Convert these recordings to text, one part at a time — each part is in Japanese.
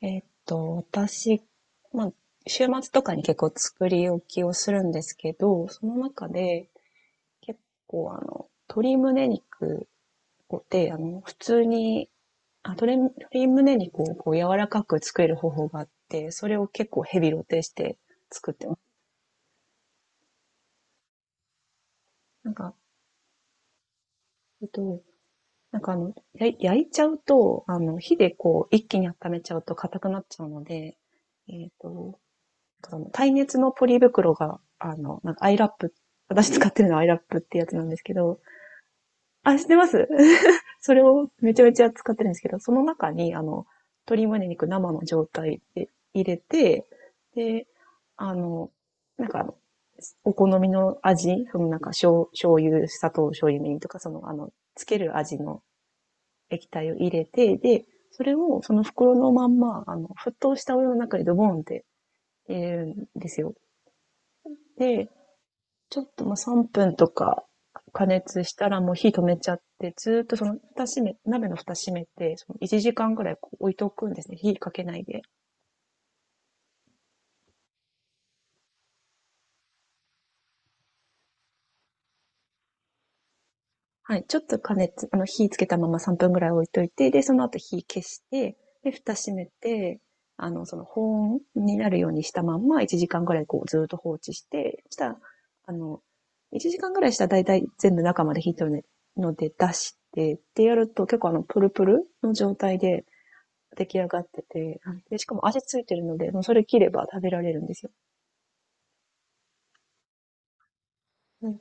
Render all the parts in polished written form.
私、まあ、週末とかに結構作り置きをするんですけど、その中で結構鶏胸肉で、普通に、鶏胸肉をこう柔らかく作れる方法があって、それを結構ヘビロテして作ってます。なんか、えっと、なんか焼いちゃうと、火でこう一気に温めちゃうと硬くなっちゃうので、えっと、の耐熱のポリ袋が、なんかアイラップ、私使ってるのはアイラップってやつなんですけど、あ、知ってます。 それをめちゃめちゃ使ってるんですけど、その中に、鶏胸肉生の状態で入れて、で、あの、なんかお好みの味、そのなんか醤油、砂糖、醤油みりんとか、そのつける味の液体を入れて、で、それをその袋のまんま、沸騰したお湯の中にドボンって入れるんですよ。で、ちょっともう3分とか加熱したらもう火止めちゃって、ずーっとその蓋閉め、鍋の蓋閉めて、その1時間ぐらいこう置いておくんですね。火かけないで。はい。ちょっと加熱、火つけたまま3分ぐらい置いといて、で、その後火消して、で、蓋閉めて、その保温になるようにしたまんま1時間ぐらいこうずーっと放置して、したら、あの、1時間ぐらいしたらだいたい全部中まで火止めるので出して、ってやると結構プルプルの状態で、出来上がってて、で、しかも味ついてるので、もうそれ切れば食べられるんですよ。うん、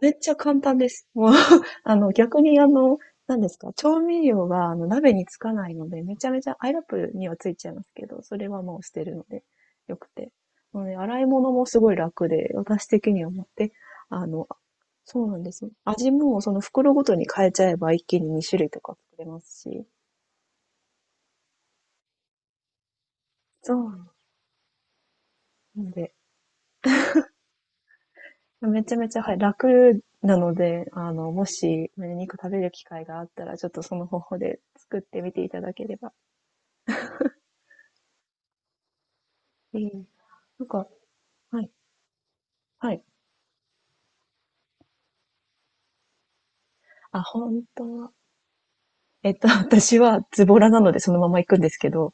めっちゃ簡単です。もう、逆に何ですか、調味料があの鍋につかないので、めちゃめちゃ、アイラップにはついちゃいますけど、それはもう捨てるので、よくて。なので、洗い物もすごい楽で、私的には思って、あの、そうなんですよ。味もその袋ごとに変えちゃえば一気に2種類とか作れますし、そう。なので、めちゃめちゃ、はい、楽なので、もし、胸肉食べる機会があったら、ちょっとその方法で作ってみていただければ。ええ、なんか、はい、はい。あ、本当は。私はズボラなのでそのまま行くんですけど、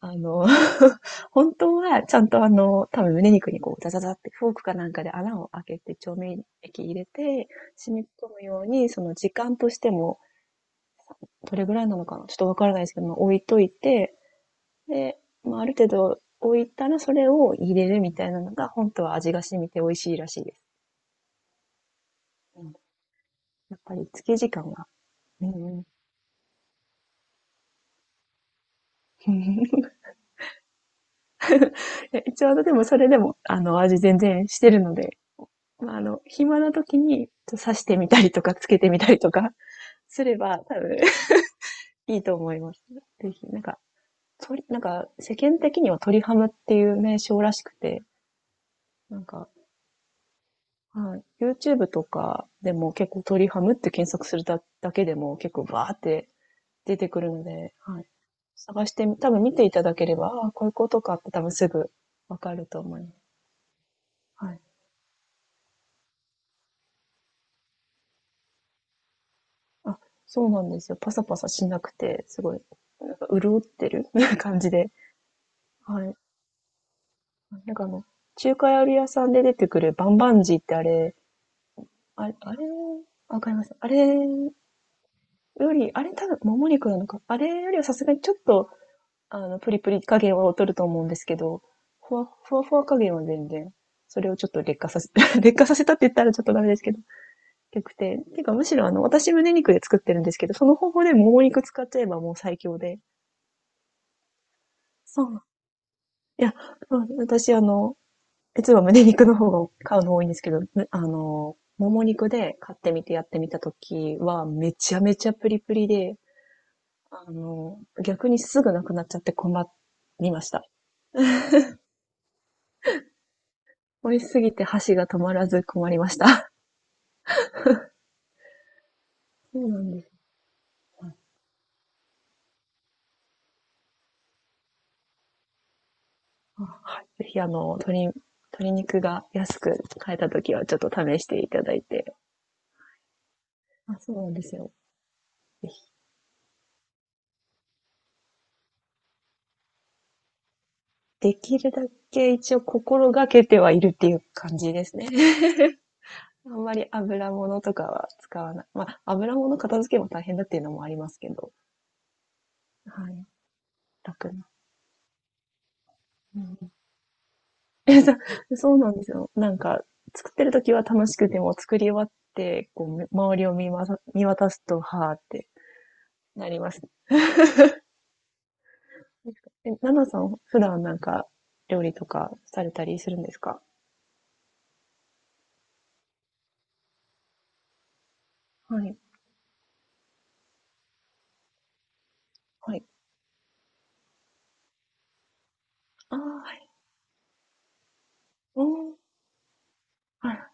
あの、本当はちゃんと多分胸肉にこう、ザザザってフォークかなんかで穴を開けて調味液入れて、染み込むように、その時間としても、どれぐらいなのかなちょっとわからないですけど、まあ置いといて、で、まあ、ある程度置いたらそれを入れるみたいなのが、本当は味が染みて美味しいらしいです。うん、やっぱり漬け時間が。うんうん、ちょうどでもそれでも、味全然してるので、まあ、暇な時に刺してみたりとか、漬けてみたりとか すれば、多分 いいと思います。ぜひ、なんか、なんか、世間的には鳥ハムっていう名称らしくて、なんか、はい。YouTube とかでも結構鳥ハムって検索するだけでも結構バーって出てくるので、はい。探してみ、多分見ていただければ、ああ、こういうことかって多分すぐわかると思います。はい。あ、そうなんですよ。パサパサしなくて、すごい、なんか潤ってる 感じで。はい。なんか中華料理屋さんで出てくるバンバンジーってあれ、あれ、あれ、わかります。あれより、あれ多分もも肉なのか。あれよりはさすがにちょっとプリプリ加減は劣ると思うんですけど、ふわふわ加減は全然、それをちょっと劣化させ、劣化させたって言ったらちょっとダメですけど、良くて。てかむしろ私胸肉で作ってるんですけど、その方法でもも肉使っちゃえばもう最強で。そういや、私実は胸肉の方が買うの多いんですけど、もも肉で買ってみてやってみた時は、めちゃめちゃプリプリで、逆にすぐなくなっちゃって困りました。美味しすぎて箸が止まらず困りました。そうなんです。はいぜひ鶏肉が安く買えた時はちょっと試していただいて、あ、そうなんですよ。ぜひできるだけ一応心がけてはいるっていう感じですね。あんまり油物とかは使わない。まあ、油物片付けも大変だっていうのもありますけど、はい。楽な。うん、え、そうなんですよ。なんか、作ってる時は楽しくても作り終わって、こう、周りを見渡すと、はーってなります。え、ナナさん、普段なんか料理とかされたりするんですか？はい。はい。ああ、はい。おー、はい。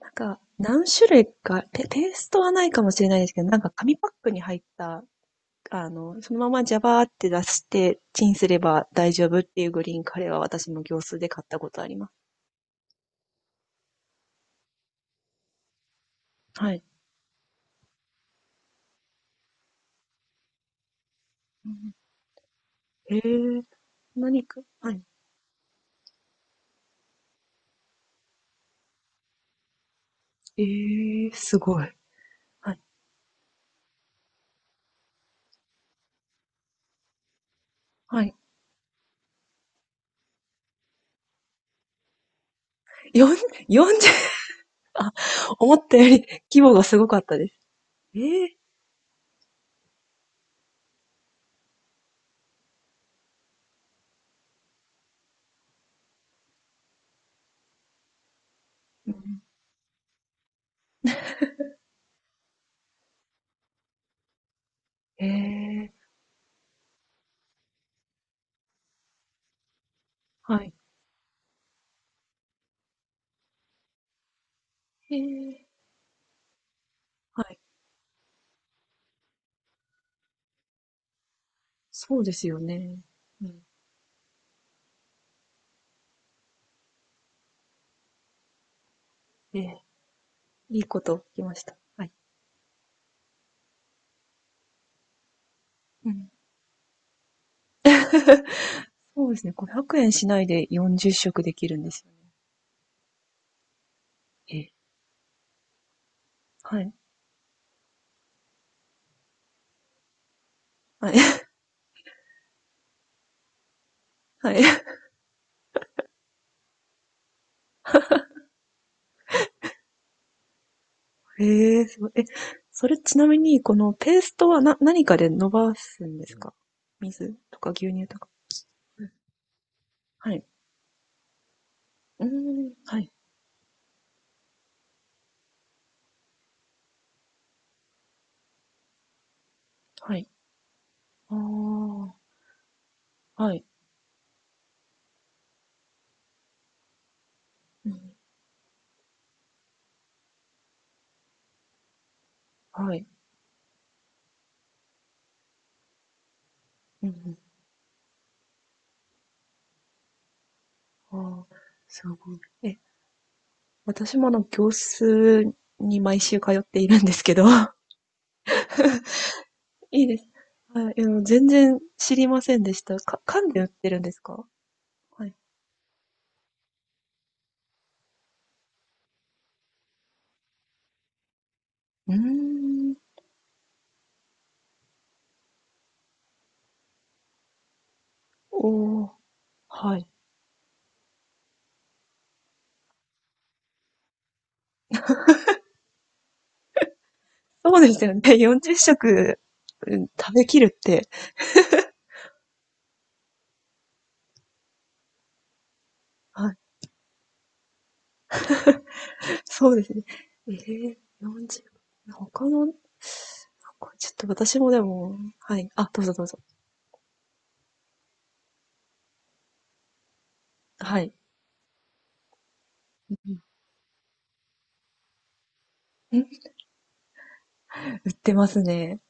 なんか、何種類か、ーストはないかもしれないですけど、なんか紙パックに入った、そのままジャバーって出してチンすれば大丈夫っていうグリーンカレーは私も業スーで買ったことあります。はい。うん、へえ、何か、はい。ええ、すごい。はい。はい。4、40、あ、思ったより規模がすごかったです。ええ、うん、ええ、はい。ええ、はい。そうですよね。うん。ええ、いいこと聞きました。はい。うん。そうですね。500円しないで40食できるんですよね。ええ、はい。はい。はい。ええ、すごい。え、それちなみに、このペーストは何かで伸ばすんですか？水とか牛乳とか。はい。うーん。はい。はい。ああ。はい。うん。はい。うんうん。ああ、すごい。え、私も業数に毎週通っているんですけど、はいいいです。あ全然知りませんでした。缶で売ってるんですか？はい。うーん、おー、はい。そうですよね。40食、うん食べきるって。はい。そうですね。えー、40、他の、これちょっと私もでも、はい。あ、どうぞどうぞ。はい。うん売ってますね。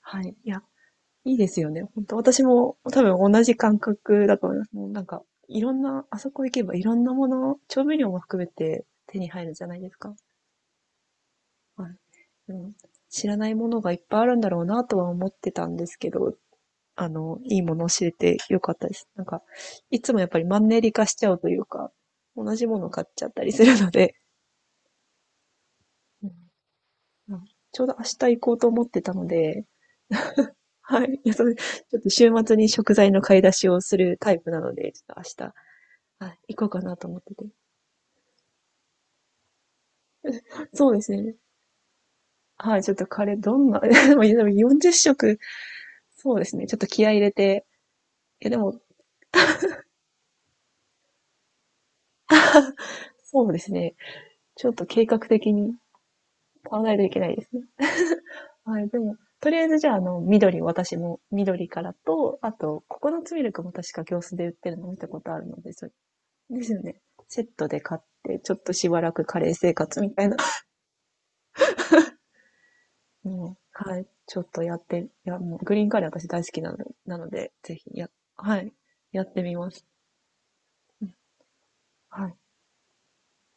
はい。いや、いいですよね。本当私も多分同じ感覚だと思います。もうなんか、いろんな、あそこ行けばいろんなもの、調味料も含めて手に入るじゃないですか。はい。うん、知らないものがいっぱいあるんだろうなとは思ってたんですけど、いいものを知れてよかったです。なんか、いつもやっぱりマンネリ化しちゃうというか、同じもの買っちゃったりするので、うんうん、ちょうど明日行こうと思ってたので、はい。いや、それ、ちょっと週末に食材の買い出しをするタイプなので、ちょっとはい、行こうかなと思ってて。そうですね。はい、ちょっとカレーどんな、でも40食、そうですね。ちょっと気合い入れて、いやでも、そうですね。ちょっと計画的に買わないといけないですね。はい、でも、とりあえずじゃあ、緑、私も緑からと、あと、ココナッツミルクも確か行数で売ってるの見たことあるので、それですよね。セットで買って、ちょっとしばらくカレー生活みたいなもう、はい、ちょっとやって、いや、もうグリーンカレー私大好きなので、ぜひ、はい、やってみます。うん、はい。